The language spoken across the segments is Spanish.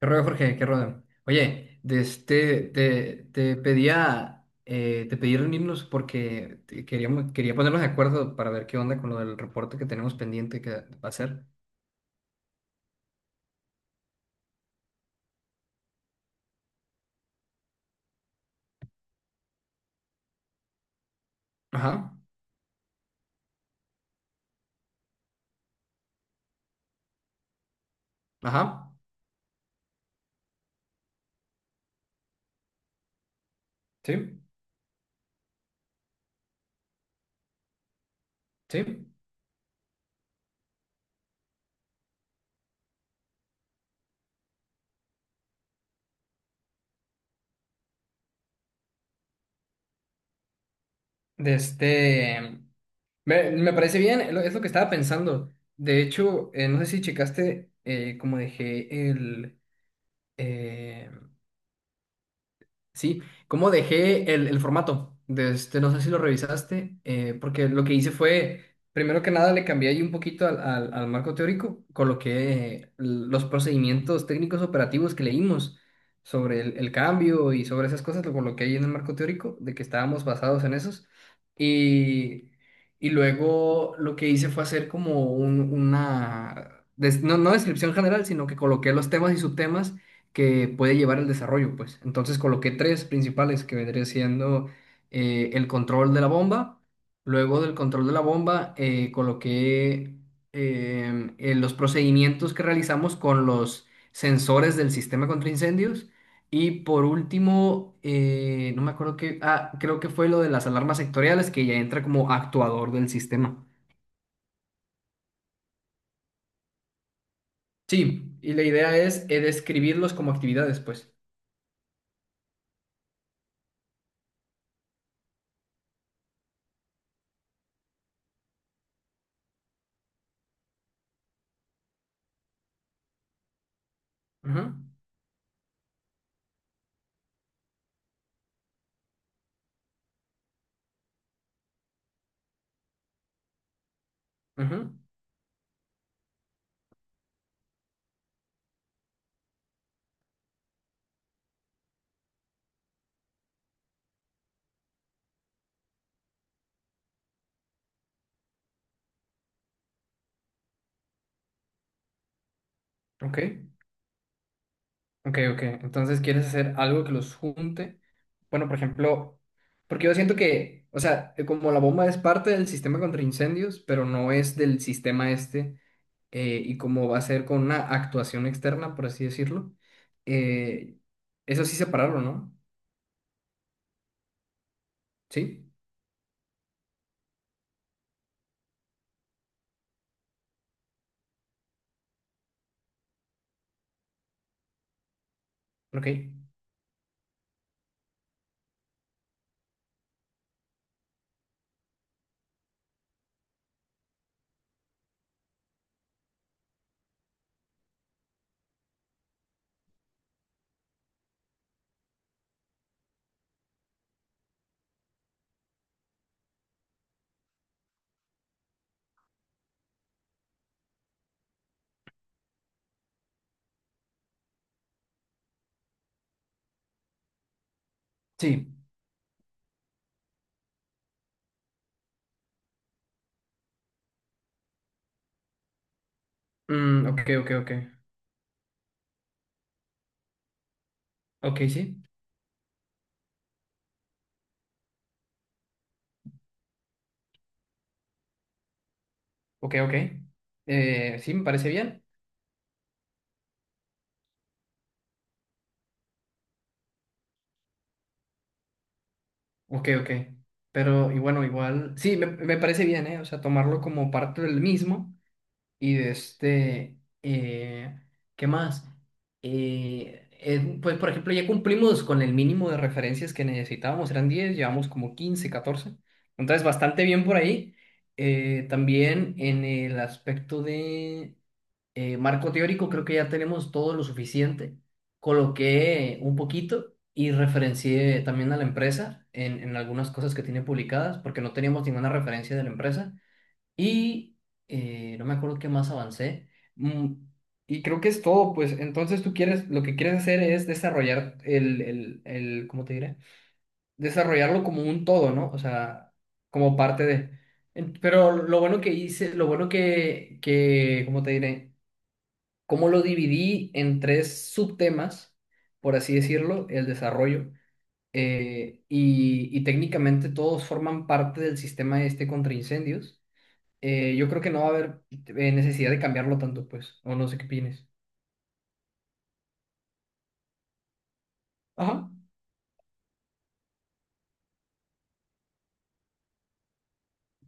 ¿Qué rollo, Jorge? ¿Qué rollo? Oye, te pedí reunirnos porque quería ponernos de acuerdo para ver qué onda con lo del reporte que tenemos pendiente que va a hacer. Ajá, ajá, sí, sí. De este, me parece bien, es lo que estaba pensando. De hecho, no sé si checaste, sí, cómo dejé el formato. No sé si lo revisaste, porque lo que hice fue, primero que nada, le cambié ahí un poquito al marco teórico, coloqué los procedimientos técnicos operativos que leímos sobre el cambio y sobre esas cosas, lo coloqué ahí en el marco teórico, de que estábamos basados en esos. Y, y luego lo que hice fue hacer como no, no descripción general, sino que coloqué los temas y subtemas que puede llevar el desarrollo, pues. Entonces coloqué tres principales que vendría siendo el control de la bomba, luego del control de la bomba, coloqué los procedimientos que realizamos con los sensores del sistema contra incendios. Y por último, no me acuerdo qué, ah, creo que fue lo de las alarmas sectoriales que ya entra como actuador del sistema. Sí, y la idea es describirlos como actividades, pues. Ujú, ujú, ok. Ok, ok. Entonces, ¿quieres hacer algo que los junte? Bueno, por ejemplo, porque yo siento que, o sea, como la bomba es parte del sistema contra incendios, pero no es del sistema este, y como va a ser con una actuación externa, por así decirlo, eh, eso sí separarlo, ¿no? Sí, ok. Sí. Mm, ok, ok, ok. Ok, sí. Ok, ok. Sí, me parece bien. Ok, ok. Pero, y bueno, igual, sí, me parece bien, ¿eh? O sea, tomarlo como parte del mismo, y ¿qué más? Pues, por ejemplo, ya cumplimos con el mínimo de referencias que necesitábamos, eran 10, llevamos como 15, 14. Entonces, bastante bien por ahí. También en el aspecto de marco teórico, creo que ya tenemos todo lo suficiente. Coloqué un poquito y referencié también a la empresa en algunas cosas que tiene publicadas, porque no teníamos ninguna referencia de la empresa. Y, no me acuerdo qué más avancé. Mm, y creo que es todo, pues entonces tú quieres, lo que quieres hacer es desarrollar ¿cómo te diré? Desarrollarlo como un todo, ¿no? O sea, como parte de. Pero lo bueno que hice, lo bueno ¿cómo te diré? Como lo dividí en tres subtemas, por así decirlo, el desarrollo, y técnicamente todos forman parte del sistema este contra incendios. Yo creo que no va a haber necesidad de cambiarlo tanto, pues. O no sé qué opines. Ajá.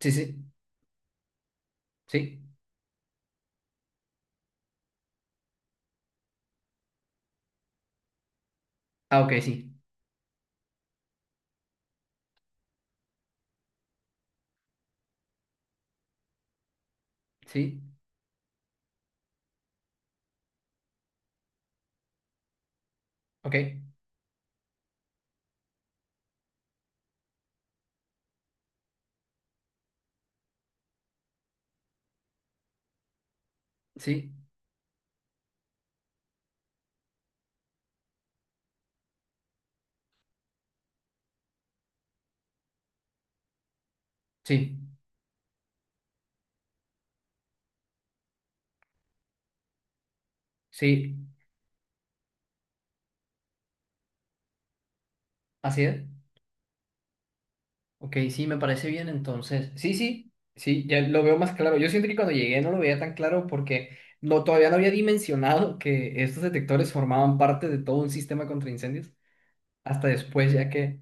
Sí, sí, sí. Ah, ok, sí. Sí, ok. Sí, sí, sí. Así es. Ok, sí, me parece bien entonces. Sí, sí, sí, ya lo veo más claro. Yo siento que cuando llegué no lo veía tan claro porque no, todavía no había dimensionado que estos detectores formaban parte de todo un sistema contra incendios. Hasta después, ya que.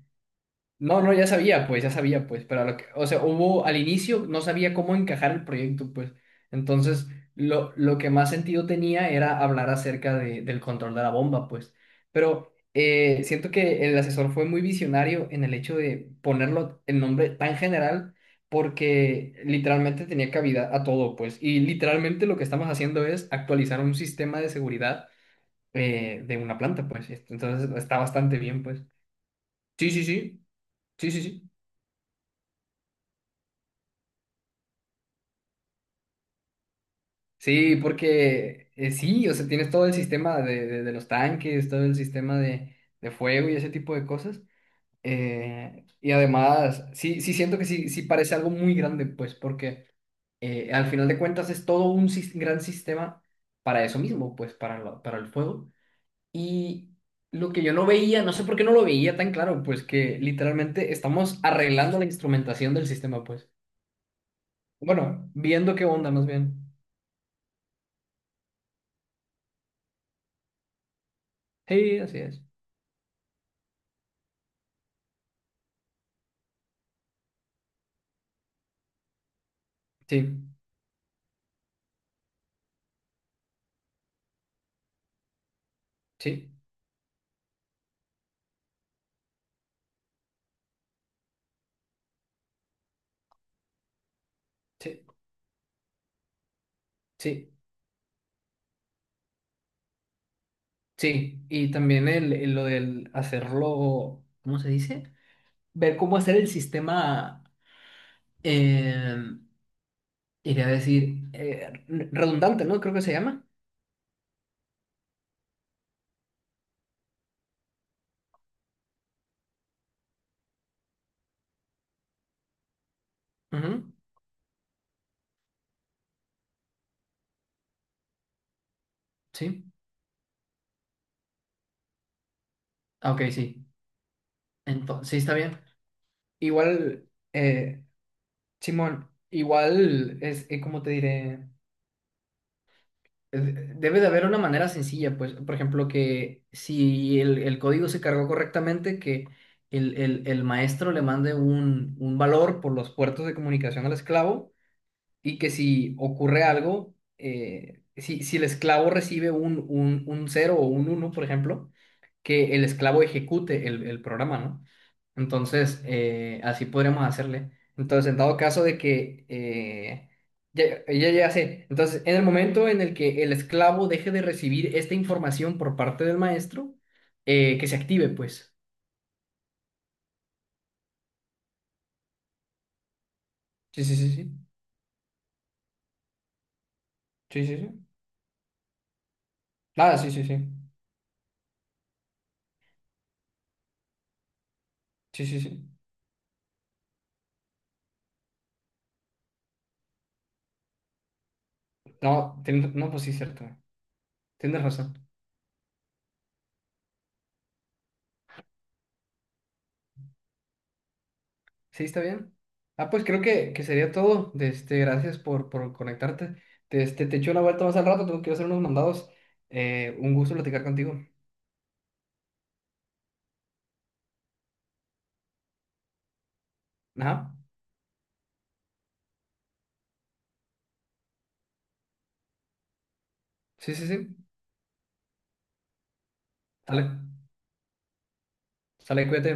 No, no, ya sabía, pues, pero a lo que, o sea, hubo al inicio, no sabía cómo encajar el proyecto, pues. Entonces, lo que más sentido tenía era hablar acerca del control de la bomba, pues. Pero, siento que el asesor fue muy visionario en el hecho de ponerlo el nombre tan general, porque literalmente tenía cabida a todo, pues. Y literalmente lo que estamos haciendo es actualizar un sistema de seguridad, de una planta, pues. Entonces, está bastante bien, pues. Sí, sí, sí, sí, sí, sí. Sí, porque sí, o sea, tienes todo el sistema de los tanques, todo el sistema de fuego y ese tipo de cosas. Y además, sí, sí siento que sí, sí parece algo muy grande, pues, porque al final de cuentas es todo un gran sistema para eso mismo, pues, para el fuego. Y lo que yo no veía, no sé por qué no lo veía tan claro, pues, que literalmente estamos arreglando la instrumentación del sistema, pues. Bueno, viendo qué onda, más bien. Sí, así es. Sí, sí. Sí, sí, sí. Y también lo del hacerlo, ¿cómo se dice? Ver cómo hacer el sistema, eh, iría a decir, redundante, ¿no? Creo que se llama. Ujú, sí. Ah, ok, sí. Entonces, sí, está bien. Igual, Simón, igual es, ¿cómo te diré? Debe de haber una manera sencilla, pues, por ejemplo, que si el código se cargó correctamente, que el maestro le mande un valor por los puertos de comunicación al esclavo, y que si ocurre algo, si el esclavo recibe un cero o un uno, por ejemplo, que el esclavo ejecute el programa, ¿no? Entonces, así podríamos hacerle. Entonces, en dado caso de que, ya, ya, ya sé. Entonces, en el momento en el que el esclavo deje de recibir esta información por parte del maestro, que se active, pues. Sí, sí, sí, sí. Sí, sí, sí. Ah, sí, sí, sí. Sí, sí, sí. No, no, pues sí, cierto. Tienes razón. Sí, está bien. Ah, pues creo que sería todo. Gracias por conectarte. Te echo una vuelta más al rato, tengo que ir a hacer unos mandados. Un gusto platicar contigo. Ajá. Sí, sí, sí. Dale. Sale, cuídate.